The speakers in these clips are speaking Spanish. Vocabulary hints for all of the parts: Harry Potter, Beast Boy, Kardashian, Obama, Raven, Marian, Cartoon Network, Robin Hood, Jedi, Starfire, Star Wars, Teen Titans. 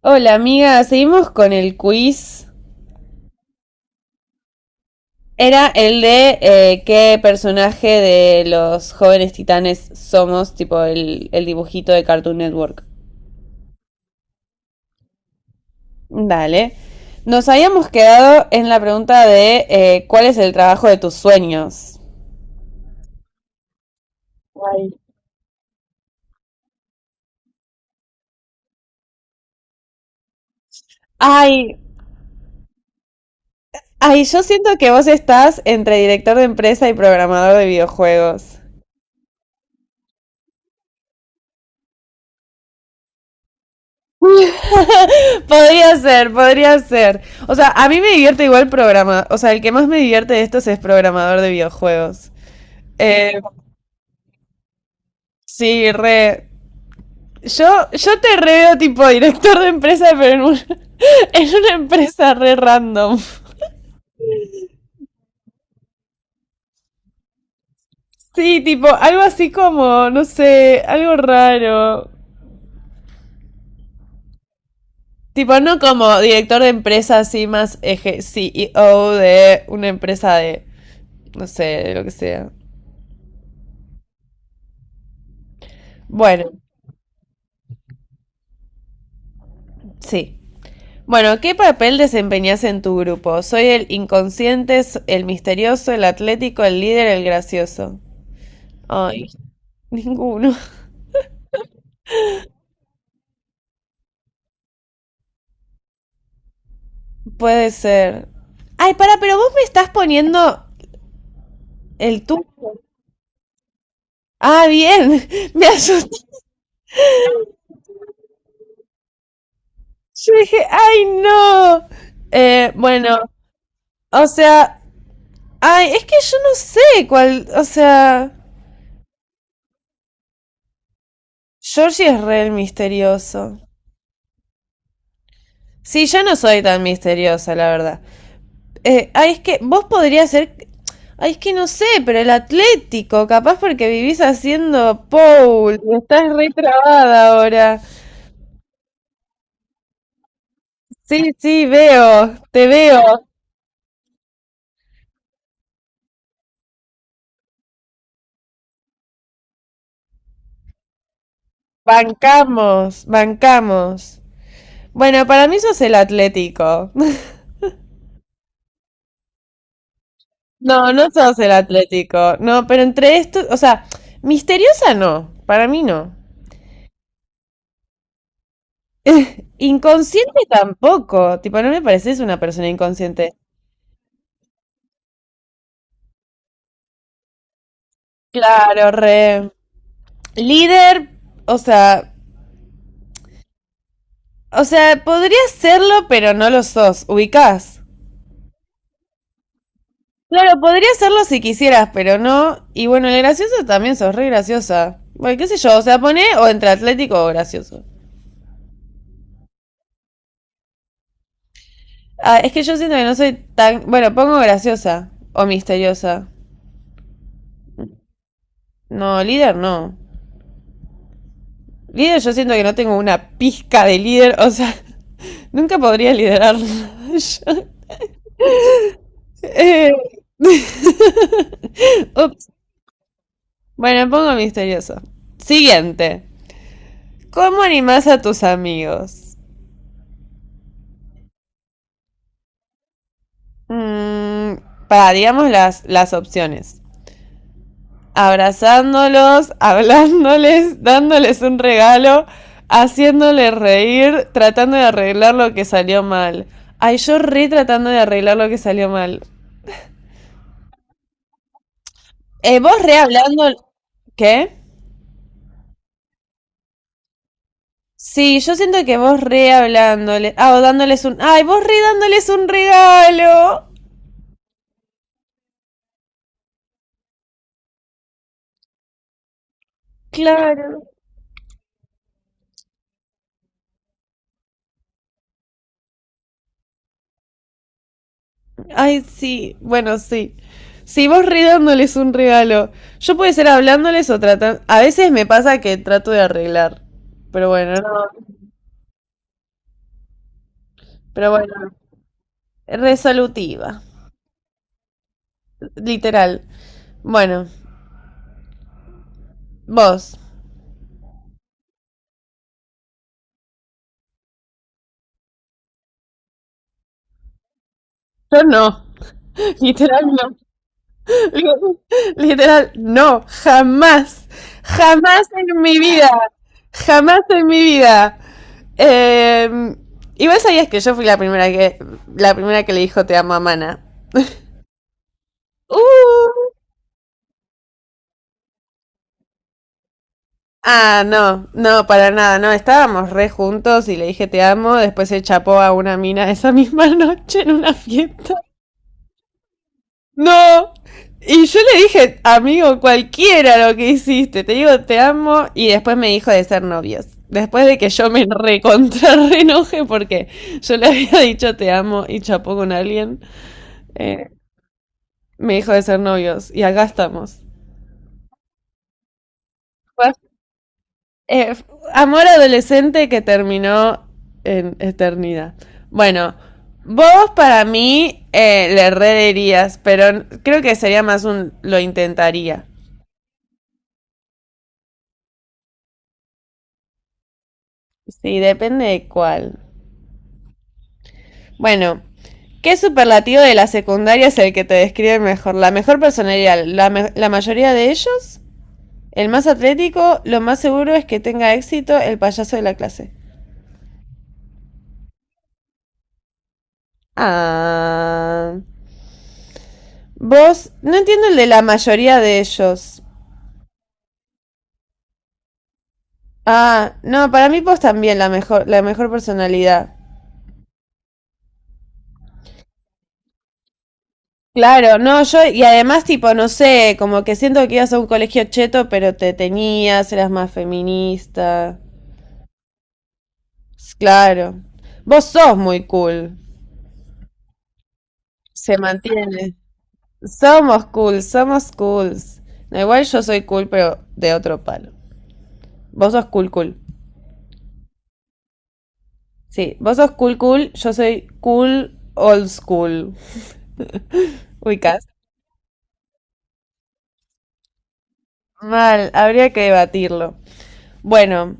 Hola amiga, seguimos con el quiz. Era el de qué personaje de los jóvenes titanes somos, tipo el dibujito de Cartoon Network. Dale. Nos habíamos quedado en la pregunta de cuál es el trabajo de tus sueños. Ay, ay, yo siento que vos estás entre director de empresa y programador de videojuegos. Podría ser, podría ser. O sea, a mí me divierte igual programa. O sea, el que más me divierte de estos es programador de videojuegos. Eh, sí, re. Yo te re veo tipo director de empresa, pero en, un- en una empresa re random. Sí, tipo, algo así como, no sé, algo raro. Tipo, no como director de empresa así más eje CEO de una empresa de, no sé, de lo que sea. Bueno, sí. Bueno, ¿qué papel desempeñas en tu grupo? Soy el inconsciente, s- el misterioso, el atlético, el líder, el gracioso. Ay, ninguno. Puede ser. Ay, para, pero vos me estás poniendo el tú. Ah, bien. Me asusté. Yo dije, ay, no. Bueno, o sea, ay, es que yo no sé cuál, o sea, Georgie es re el misterioso. Sí, yo no soy tan misteriosa, la verdad. Ay, es que vos podrías ser. Ay, es que no sé, pero el Atlético, capaz porque vivís haciendo Paul, estás re trabada ahora. Sí, sí, veo, te veo. Bancamos, bancamos. Bueno, para mí sos el Atlético. No, no sos el Atlético. No, pero entre estos, o sea, misteriosa no, para mí no. Inconsciente tampoco, tipo, no me pareces una persona inconsciente. Claro, re. Líder, o sea, o sea, podría serlo, pero no lo sos. Ubicás. Claro, podría serlo si quisieras, pero no. Y bueno, el gracioso también sos re graciosa. Bueno, qué sé yo, o sea, pone o entre atlético o gracioso. Ah, es que yo siento que no soy tan. Bueno, pongo graciosa o misteriosa. No, líder no. Líder yo siento que no tengo una pizca de líder, o sea, nunca podría liderar. Eh, ups. Bueno, pongo misterioso. Siguiente. ¿Cómo animás a tus amigos? Mm, pararíamos las opciones. Abrazándolos, hablándoles, dándoles un regalo, haciéndoles reír, tratando de arreglar lo que salió mal. Ay, yo re tratando de arreglar lo que salió mal. Vos re hablando... ¿Qué? Sí, yo siento que vos re hablándoles... Ah, o dándoles un... Ay, vos re dándoles un regalo. Claro. Ay, sí, bueno, sí. Si vos re dándoles un regalo, yo puede ser hablándoles o tratando... A veces me pasa que trato de arreglar, pero bueno, no, pero bueno, resolutiva, literal. Bueno, vos, yo no, literal no, literal no, jamás, jamás en mi vida, jamás en mi vida. Eh, igual sabías que yo fui la primera que le dijo te amo a Mana. Uh, ah, no, no, para nada, no, estábamos re juntos y le dije te amo, después se chapó a una mina esa misma noche en una fiesta. No, y yo le dije, amigo, cualquiera lo que hiciste, te digo te amo y después me dijo de ser novios. Después de que yo me recontra re enoje porque yo le había dicho te amo y chapó con alguien, eh, me dijo de ser novios y acá estamos. Eh, amor adolescente que terminó en eternidad. Bueno, vos para mí le rederías, pero creo que sería más un lo intentaría. Sí, depende de cuál. Bueno, ¿qué superlativo de la secundaria es el que te describe mejor? La mejor personalidad, la, me- la mayoría de ellos, el más atlético, lo más seguro es que tenga éxito el payaso de la clase. Ah. Vos, no entiendo el de la mayoría de ellos. Ah, no, para mí vos también la mejor personalidad. Claro, no, yo, y además, tipo, no sé, como que siento que ibas a un colegio cheto, pero te tenías, eras más feminista. S- claro. Vos sos muy cool. Se mantiene. Somos cool, somos cools. No, igual yo soy cool, pero de otro palo. Vos sos cool, cool. Sí, vos sos cool, cool, yo soy cool, old school. Ubicás. Mal, habría que debatirlo. Bueno,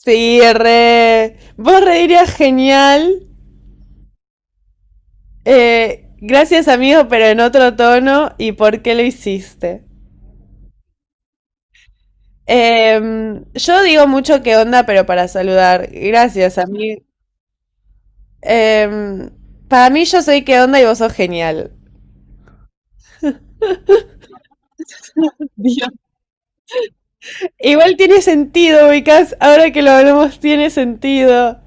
sí, re. Vos reirías genial. Gracias, amigo, pero en otro tono. ¿Y por qué lo hiciste? Yo digo mucho qué onda, pero para saludar. Gracias, amigo. Em, para mí, yo soy qué onda y vos sos genial. Dios. Igual tiene sentido, ubicás. Ahora que lo hablamos, tiene sentido.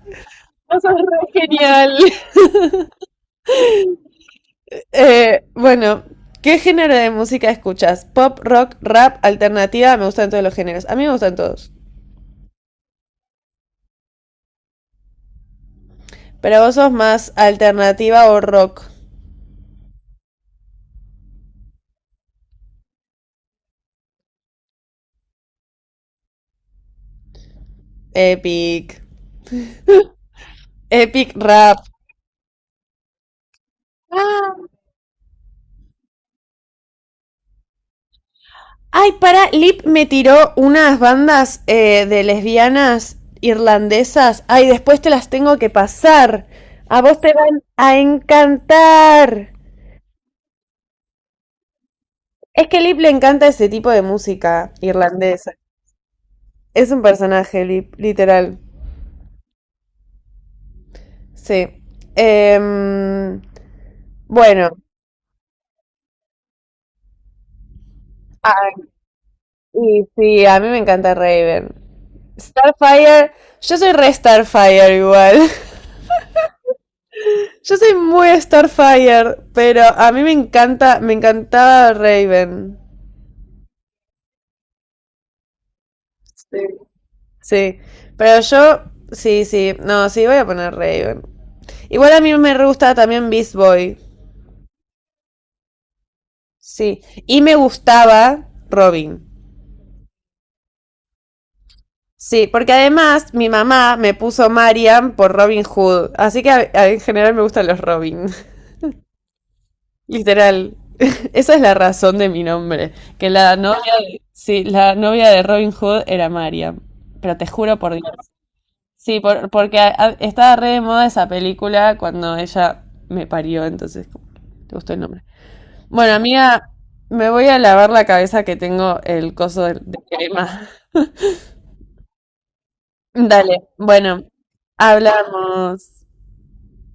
Vos sos re genial. Bueno, ¿qué género de música escuchas? Pop, rock, rap, alternativa. Me gustan todos los géneros. A mí me gustan todos. Pero vos sos más alternativa o rock. Epic. Epic rap. Ah, ay, para, Lip me tiró unas bandas de lesbianas irlandesas. Ay, después te las tengo que pasar. A vos te van a encantar. Es que Lip le encanta ese tipo de música irlandesa. Es un personaje, Lip, literal. Sí. Em, bueno, ah, y sí, a mí me encanta Raven. Starfire, yo soy re Starfire igual. Yo soy muy Starfire, pero a mí me encanta, me encantaba Raven. Sí. Sí, pero yo, sí, sí, no, sí, voy a poner Raven. Igual a mí me re gustaba también Beast Boy. Sí, y me gustaba Robin. Sí, porque además mi mamá me puso Marian por Robin Hood, así que a- en general me gustan los Robin, literal. Esa es la razón de mi nombre, que la novia de, sí, la novia de Robin Hood era Marian, pero te juro por Dios. Sí, por- porque a- estaba re de moda esa película cuando ella me parió, entonces como, te gustó el nombre. Bueno, amiga, me voy a lavar la cabeza que tengo el coso de crema. Dale, bueno, hablamos.